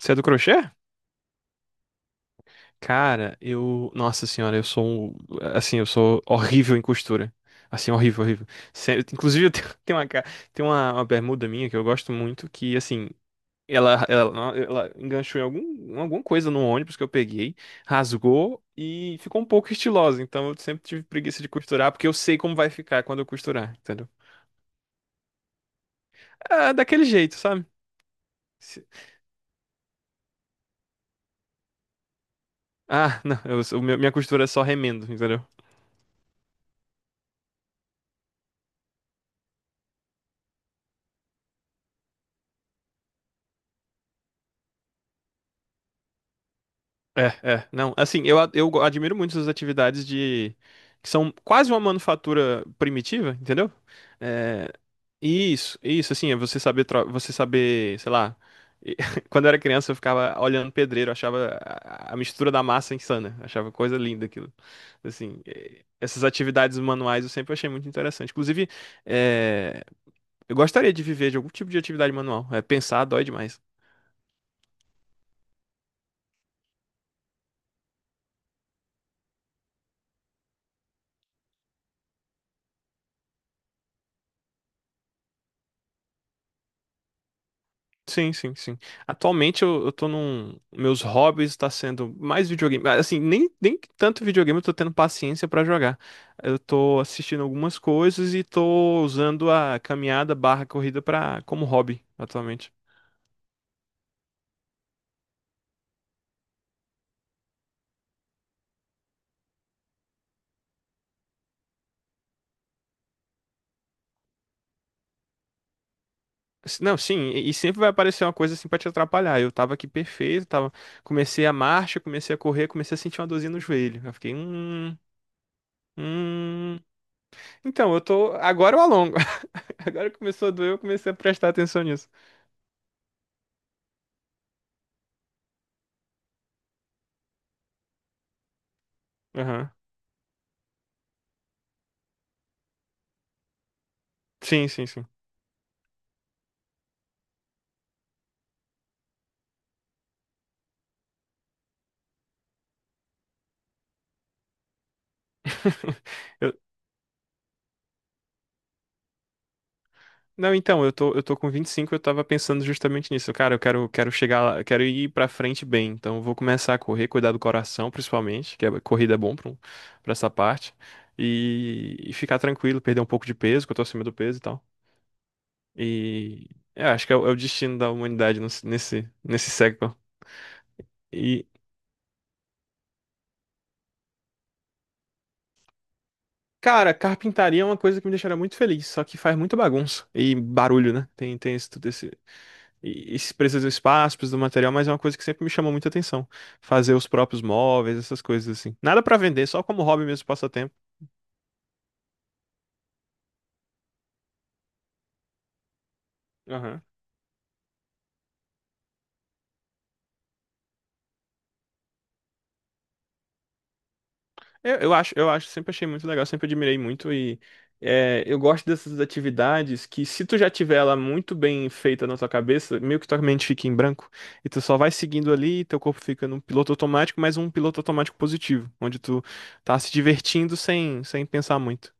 Você é do crochê? Cara, eu. Nossa senhora, eu sou. Assim, eu sou horrível em costura. Assim, horrível, horrível. Inclusive, eu tenho tenho tem uma bermuda minha que eu gosto muito, que, assim, ela enganchou em alguma coisa no ônibus que eu peguei, rasgou e ficou um pouco estilosa. Então, eu sempre tive preguiça de costurar, porque eu sei como vai ficar quando eu costurar, entendeu? Ah, daquele jeito, sabe? Se- Ah, não, minha costura é só remendo, entendeu? Não, assim, eu admiro muito essas atividades de, que são quase uma manufatura primitiva, entendeu? É, isso, assim, é você saber, você saber, sei lá, e- quando eu era criança eu ficava olhando pedreiro, achava a mistura da massa insana, achava coisa linda aquilo, assim, é, essas atividades manuais eu sempre achei muito interessante, inclusive, é, eu gostaria de viver de algum tipo de atividade manual, é, pensar dói demais. Sim, sim, sim. Atualmente eu tô num. Meus hobbies está sendo mais videogame. Ah, assim, nem tanto videogame eu tô tendo paciência pra jogar. Eu tô assistindo algumas coisas e tô usando a caminhada barra corrida pra, como hobby atualmente. Não, sim, e sempre vai aparecer uma coisa assim pra te atrapalhar. Eu tava aqui perfeito, tava, comecei a marcha, comecei a correr, comecei a sentir uma dorzinha no joelho. Eu fiquei, hum. Então, eu tô. Agora eu alongo. Agora começou a doer, eu comecei a prestar atenção nisso. Aham. Sim, sim, sim. Eu- Não, então, eu tô com 25. Eu tava pensando justamente nisso. Cara, eu quero, quero chegar lá, quero ir pra frente bem. Então, eu vou começar a correr, cuidar do coração, principalmente, que a corrida é bom pra, pra essa parte. E ficar tranquilo, perder um pouco de peso, que eu tô acima do peso e tal. E é, acho que é, o é o destino da humanidade nesse, nesse século. E, cara, carpintaria é uma coisa que me deixaria muito feliz, só que faz muita bagunça e barulho, né? Tem esse, tudo. E se precisa do espaço, precisa do material, mas é uma coisa que sempre me chamou muita atenção. Fazer os próprios móveis, essas coisas assim. Nada pra vender, só como hobby mesmo, passatempo. Aham. Eu acho, sempre achei muito legal, sempre admirei muito e é, eu gosto dessas atividades que se tu já tiver ela muito bem feita na tua cabeça, meio que tua mente fica em branco e tu só vai seguindo ali, teu corpo fica num piloto automático, mas um piloto automático positivo, onde tu tá se divertindo sem, sem pensar muito.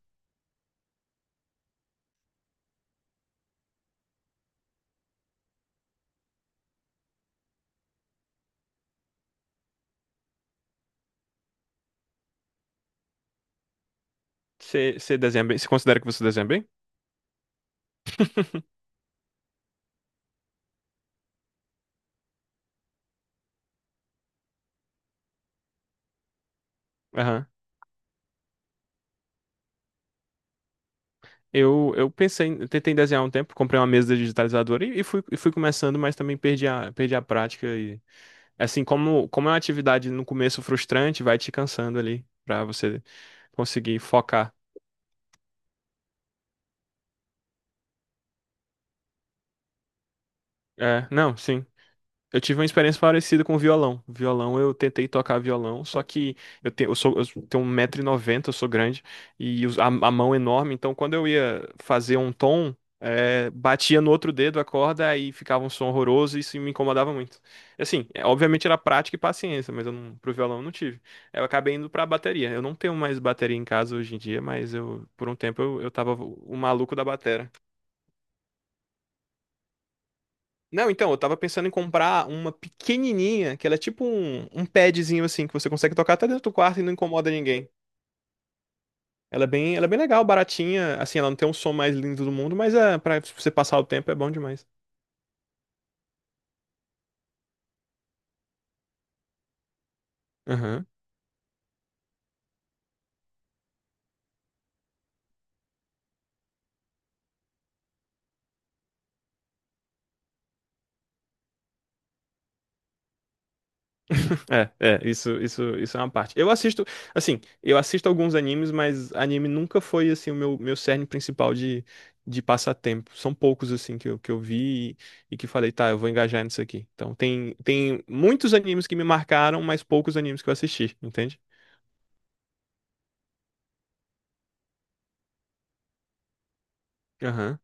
Você desenha bem? Você considera que você desenha bem? Aham. Eu pensei, eu tentei desenhar um tempo, comprei uma mesa digitalizadora e, e fui começando, mas também perdi perdi a prática. E, assim, como é uma atividade no começo frustrante, vai te cansando ali pra você conseguir focar. É, não, sim. Eu tive uma experiência parecida com violão. Violão, eu tentei tocar violão, só que eu tenho 1,90m, eu sou grande, e a mão enorme, então quando eu ia fazer um tom, batia no outro dedo a corda aí ficava um som horroroso e isso me incomodava muito. Assim, é, obviamente era prática e paciência, mas eu não, pro violão eu não tive. Eu acabei indo pra bateria. Eu não tenho mais bateria em casa hoje em dia, mas eu, por um tempo eu tava o maluco da bateria. Não, então, eu tava pensando em comprar uma pequenininha, que ela é tipo um padzinho assim, que você consegue tocar até dentro do quarto e não incomoda ninguém. Ela é bem legal, baratinha, assim, ela não tem um som mais lindo do mundo, mas é, pra você passar o tempo é bom demais. Aham. Isso é uma parte. Eu assisto, assim, eu assisto alguns animes, mas anime nunca foi, assim, meu cerne principal de passatempo. São poucos, assim, que eu vi e que falei, tá, eu vou engajar nisso aqui. Então, tem muitos animes que me marcaram, mas poucos animes que eu assisti, entende? Aham.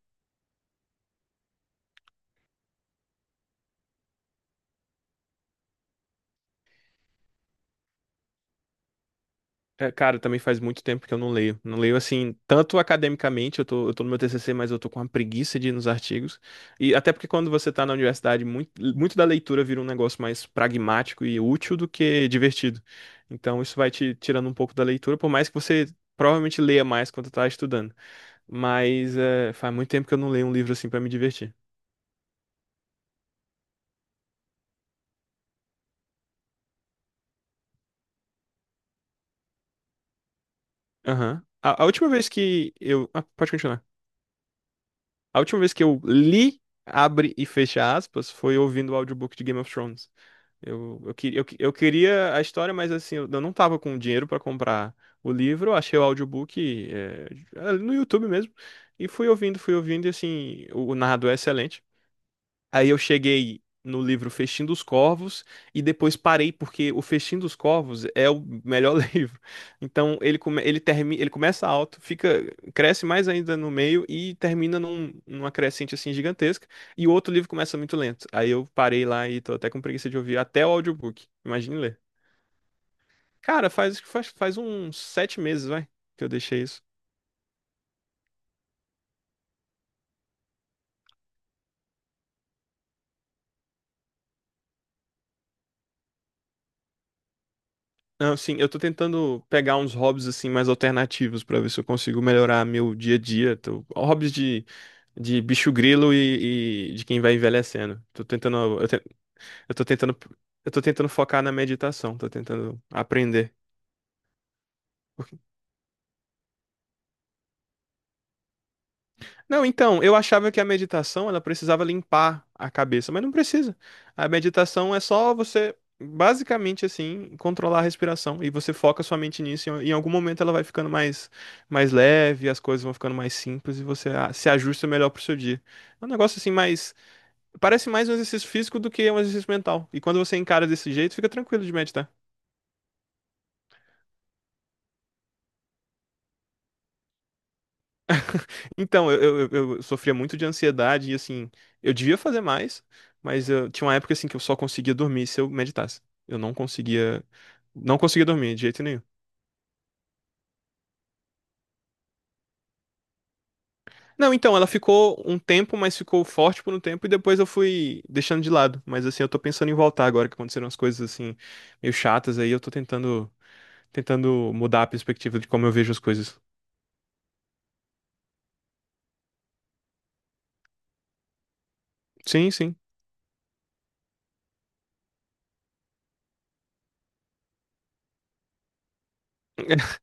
É, cara, também faz muito tempo que eu não leio. Não leio assim, tanto academicamente, eu tô no meu TCC, mas eu tô com uma preguiça de ir nos artigos. E até porque quando você tá na universidade, muito da leitura vira um negócio mais pragmático e útil do que divertido. Então isso vai te tirando um pouco da leitura, por mais que você provavelmente leia mais quando tá estudando. Mas é, faz muito tempo que eu não leio um livro assim pra me divertir. Aham. A última vez que eu. Ah, pode continuar. A última vez que eu li, abre e fecha aspas, foi ouvindo o audiobook de Game of Thrones. Eu queria a história, mas assim, eu não tava com dinheiro para comprar o livro, eu achei o audiobook eh, no YouTube mesmo, e fui ouvindo, e assim, o narrador é excelente. Aí eu cheguei no livro Festim dos Corvos e depois parei porque o Festim dos Corvos é o melhor livro. Então ele termina, ele começa alto, fica cresce mais ainda no meio e termina numa crescente assim gigantesca e o outro livro começa muito lento. Aí eu parei lá e tô até com preguiça de ouvir até o audiobook. Imagine ler. Cara, faz uns 7 meses, vai, que eu deixei isso. Não, sim, eu tô tentando pegar uns hobbies assim mais alternativos pra ver se eu consigo melhorar meu dia a dia. Hobbies de bicho grilo e de quem vai envelhecendo. Tô tentando, eu, te- eu tô tentando, eu tô tentando focar na meditação, tô tentando aprender. Não, então, eu achava que a meditação ela precisava limpar a cabeça, mas não precisa. A meditação é só você, basicamente assim, controlar a respiração e você foca sua mente nisso. E em algum momento ela vai ficando mais leve, as coisas vão ficando mais simples e você se ajusta melhor pro seu dia. É um negócio assim, parece mais um exercício físico do que um exercício mental. E quando você encara desse jeito, fica tranquilo de meditar. Então, eu sofria muito de ansiedade e assim, eu devia fazer mais, mas eu tinha uma época assim que eu só conseguia dormir se eu meditasse. Eu não conseguia, não conseguia dormir de jeito nenhum. Não, então, ela ficou um tempo, mas ficou forte por um tempo e depois eu fui deixando de lado. Mas assim, eu tô pensando em voltar agora que aconteceram as coisas assim meio chatas aí, eu tô tentando mudar a perspectiva de como eu vejo as coisas. Sim, sim.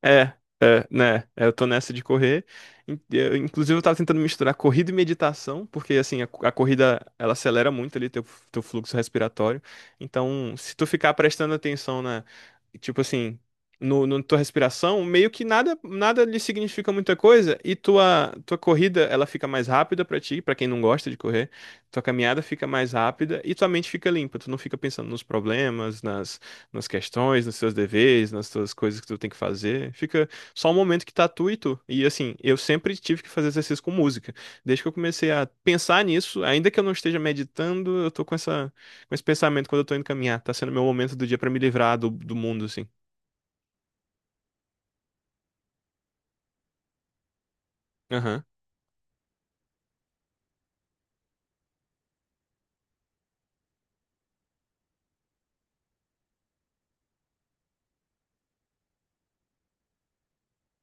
É, é, né? É, eu tô nessa de correr. Inclusive, eu tava tentando misturar corrida e meditação, porque assim, a corrida ela acelera muito ali teu, teu fluxo respiratório. Então, se tu ficar prestando atenção na, tipo assim, no tua respiração, meio que nada lhe significa muita coisa e tua corrida ela fica mais rápida pra ti, pra quem não gosta de correr. Tua caminhada fica mais rápida e tua mente fica limpa. Tu não fica pensando nos problemas, nas questões, nos seus deveres, nas suas coisas que tu tem que fazer. Fica só um momento que tá tu e tu. E assim, eu sempre tive que fazer exercício com música. Desde que eu comecei a pensar nisso, ainda que eu não esteja meditando, eu tô com com esse pensamento quando eu tô indo caminhar. Tá sendo meu momento do dia pra me livrar do, do mundo, assim. Aham.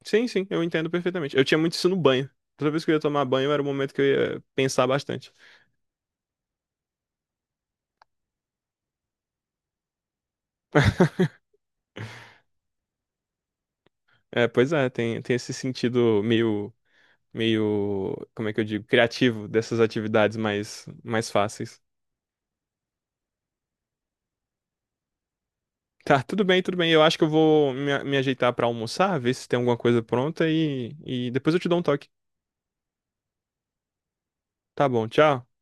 Sim, sim, eu entendo perfeitamente. Eu tinha muito isso no banho. Toda vez que eu ia tomar banho, era o momento que eu ia pensar bastante. É, pois é, tem esse sentido meio, como é que eu digo, criativo dessas atividades mais fáceis. Tá, tudo bem, tudo bem. Eu acho que eu vou me ajeitar pra almoçar, ver se tem alguma coisa pronta e depois eu te dou um toque. Tá bom, tchau.